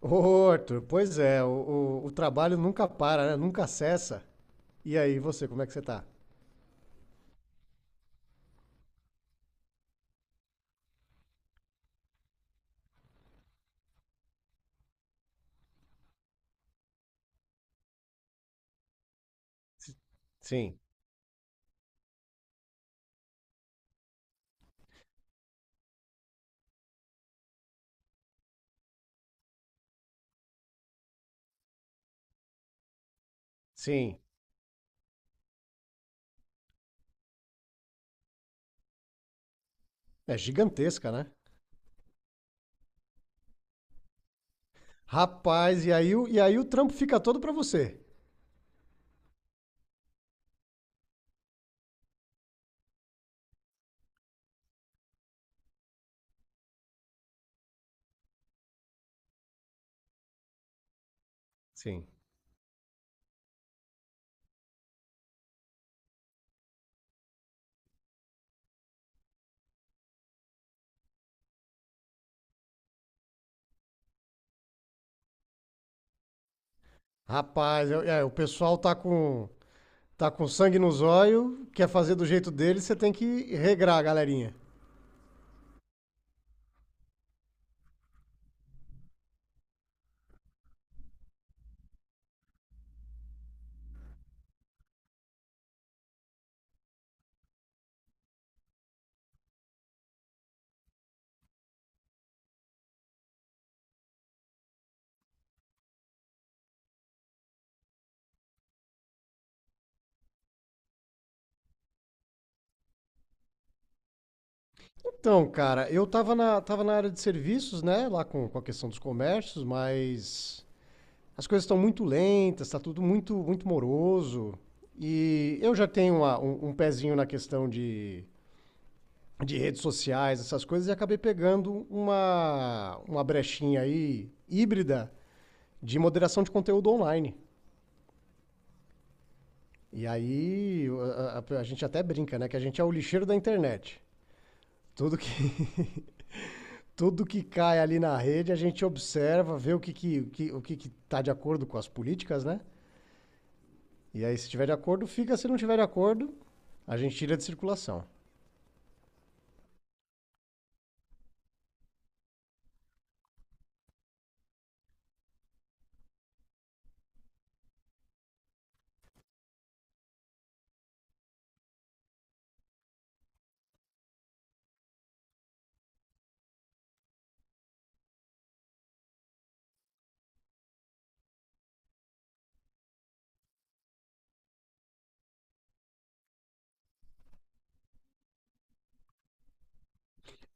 Ô, Arthur, pois é, o trabalho nunca para, né? Nunca cessa. E aí, você, como é que você tá? Sim, sim. É gigantesca, né? Rapaz, e aí, o trampo fica todo pra você. Sim. Rapaz, o pessoal tá com sangue nos olhos, quer fazer do jeito dele, você tem que regrar a galerinha. Então, cara, eu tava tava na área de serviços, né? Lá com a questão dos comércios, mas as coisas estão muito lentas, está tudo muito, muito moroso. E eu já tenho um pezinho na questão de redes sociais, essas coisas, e acabei pegando uma brechinha aí híbrida de moderação de conteúdo online. E aí a gente até brinca, né? Que a gente é o lixeiro da internet. Tudo que, tudo que cai ali na rede, a gente observa, vê o que que tá de acordo com as políticas, né? E aí, se tiver de acordo, fica. Se não tiver de acordo, a gente tira de circulação.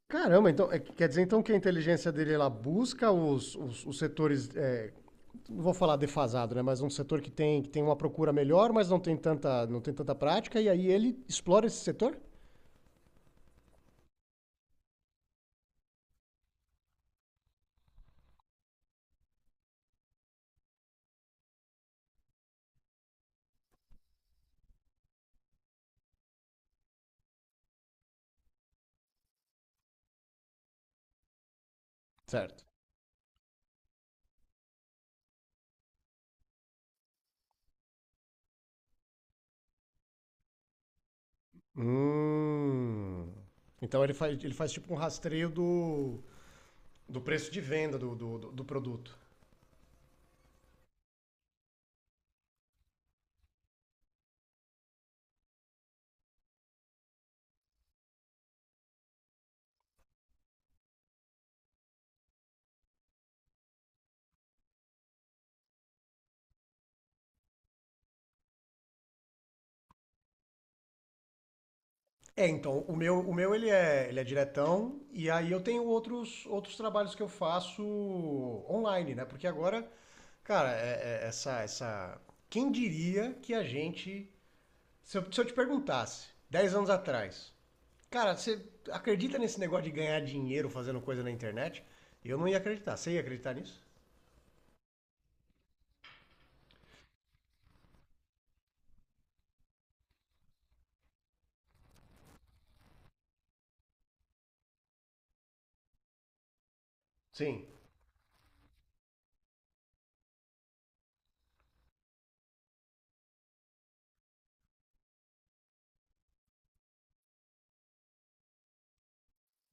Caramba, então é, quer dizer então que a inteligência dele ela busca os setores, é, não vou falar defasado, né? Mas um setor que tem uma procura melhor, mas não tem tanta, não tem tanta prática, e aí ele explora esse setor? Certo. Hum. Então ele faz tipo um rastreio do preço de venda do produto. É, então, o meu ele é diretão, e aí eu tenho outros, outros trabalhos que eu faço online, né? Porque agora, cara, essa. Quem diria que a gente. Se eu te perguntasse, 10 anos atrás, cara, você acredita nesse negócio de ganhar dinheiro fazendo coisa na internet? Eu não ia acreditar. Você ia acreditar nisso? Sim.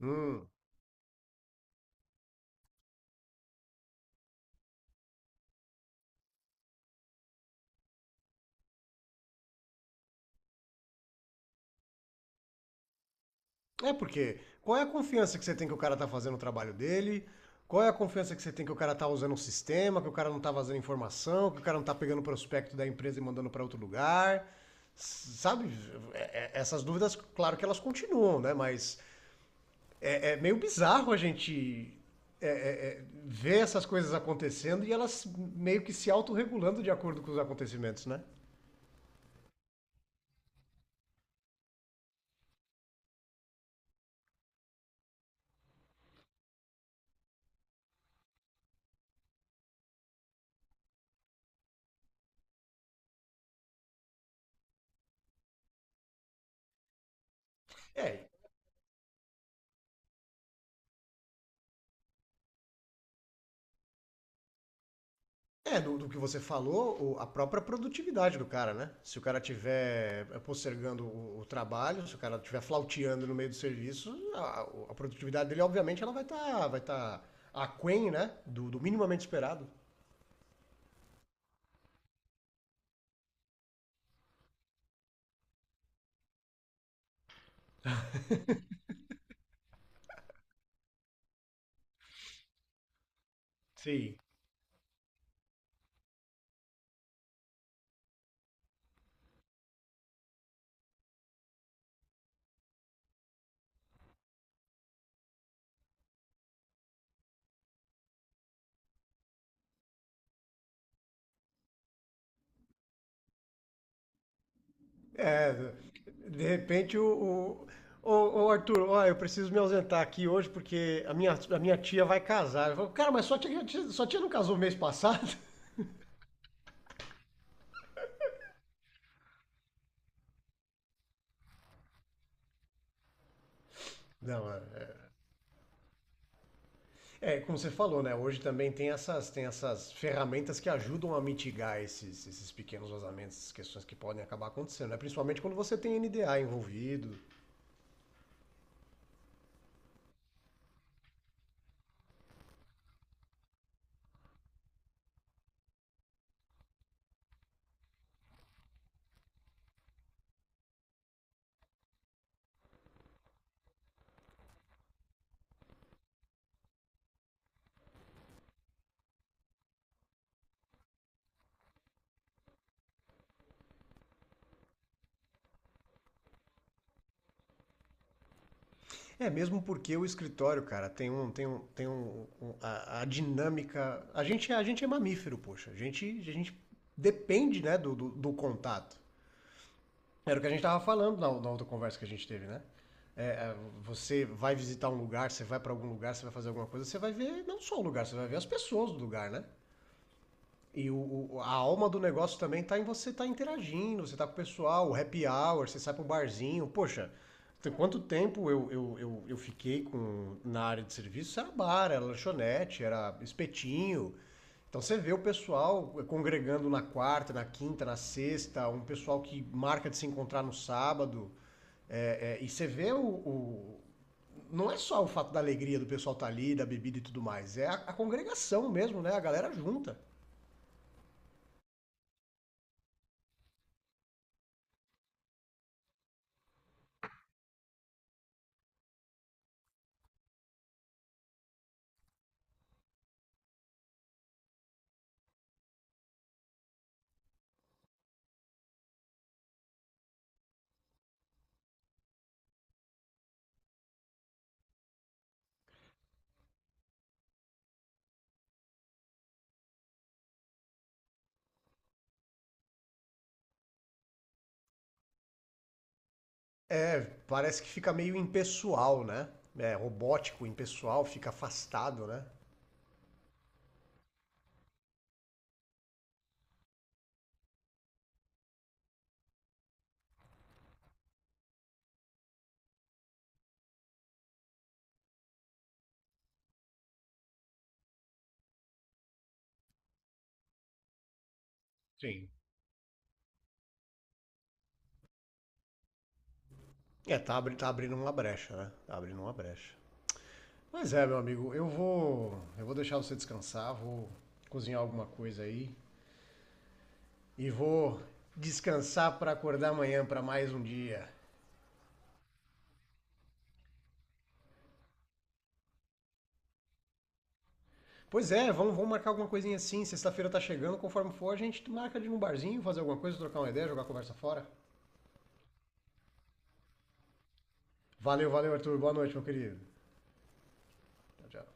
Hum. É porque qual é a confiança que você tem que o cara tá fazendo o trabalho dele? Qual é a confiança que você tem que o cara tá usando um sistema, que o cara não tá vazando informação, que o cara não tá pegando o prospecto da empresa e mandando para outro lugar? Sabe, essas dúvidas, claro que elas continuam, né? Mas é, é meio bizarro a gente ver essas coisas acontecendo e elas meio que se autorregulando de acordo com os acontecimentos, né? É, é, do que você falou, a própria produtividade do cara, né? Se o cara tiver postergando o trabalho, se o cara tiver flauteando no meio do serviço, a produtividade dele, obviamente, ela vai tá aquém, né? Do minimamente esperado. Sim. É, de repente o Arthur, ó, eu preciso me ausentar aqui hoje porque a minha tia vai casar. Eu falo, cara, mas sua tia não casou mês passado? Não, é, é, como você falou, né? Hoje também tem essas ferramentas que ajudam a mitigar esses, esses pequenos vazamentos, essas questões que podem acabar acontecendo, né? Principalmente quando você tem NDA envolvido. É, mesmo porque o escritório, cara, tem um. Tem um, tem um, a dinâmica. A gente, a gente é mamífero, poxa. A gente depende, né, do contato. Era o que a gente tava falando na outra conversa que a gente teve, né? É, é, você vai visitar um lugar, você vai para algum lugar, você vai fazer alguma coisa, você vai ver não só o lugar, você vai ver as pessoas do lugar, né? E a alma do negócio também tá em você tá interagindo, você tá com o pessoal, o happy hour, você sai pro barzinho. Poxa, tem quanto tempo eu fiquei com, na área de serviço? Era bar, era lanchonete, era espetinho. Então você vê o pessoal congregando na quarta, na quinta, na sexta, um pessoal que marca de se encontrar no sábado. É, é, e você vê Não é só o fato da alegria do pessoal estar ali, da bebida e tudo mais, é a congregação mesmo, né? A galera junta. É, parece que fica meio impessoal, né? É robótico, impessoal, fica afastado, né? Sim. É, tá, tá abrindo uma brecha, né? Tá abrindo uma brecha. Mas é, meu amigo, eu vou deixar você descansar, vou cozinhar alguma coisa aí e vou descansar pra acordar amanhã pra mais um dia. Pois é, vamos, vamos marcar alguma coisinha assim. Sexta-feira tá chegando, conforme for, a gente marca de ir num barzinho, fazer alguma coisa, trocar uma ideia, jogar a conversa fora. Valeu, valeu, Arthur. Boa noite, meu querido. Tchau, tchau.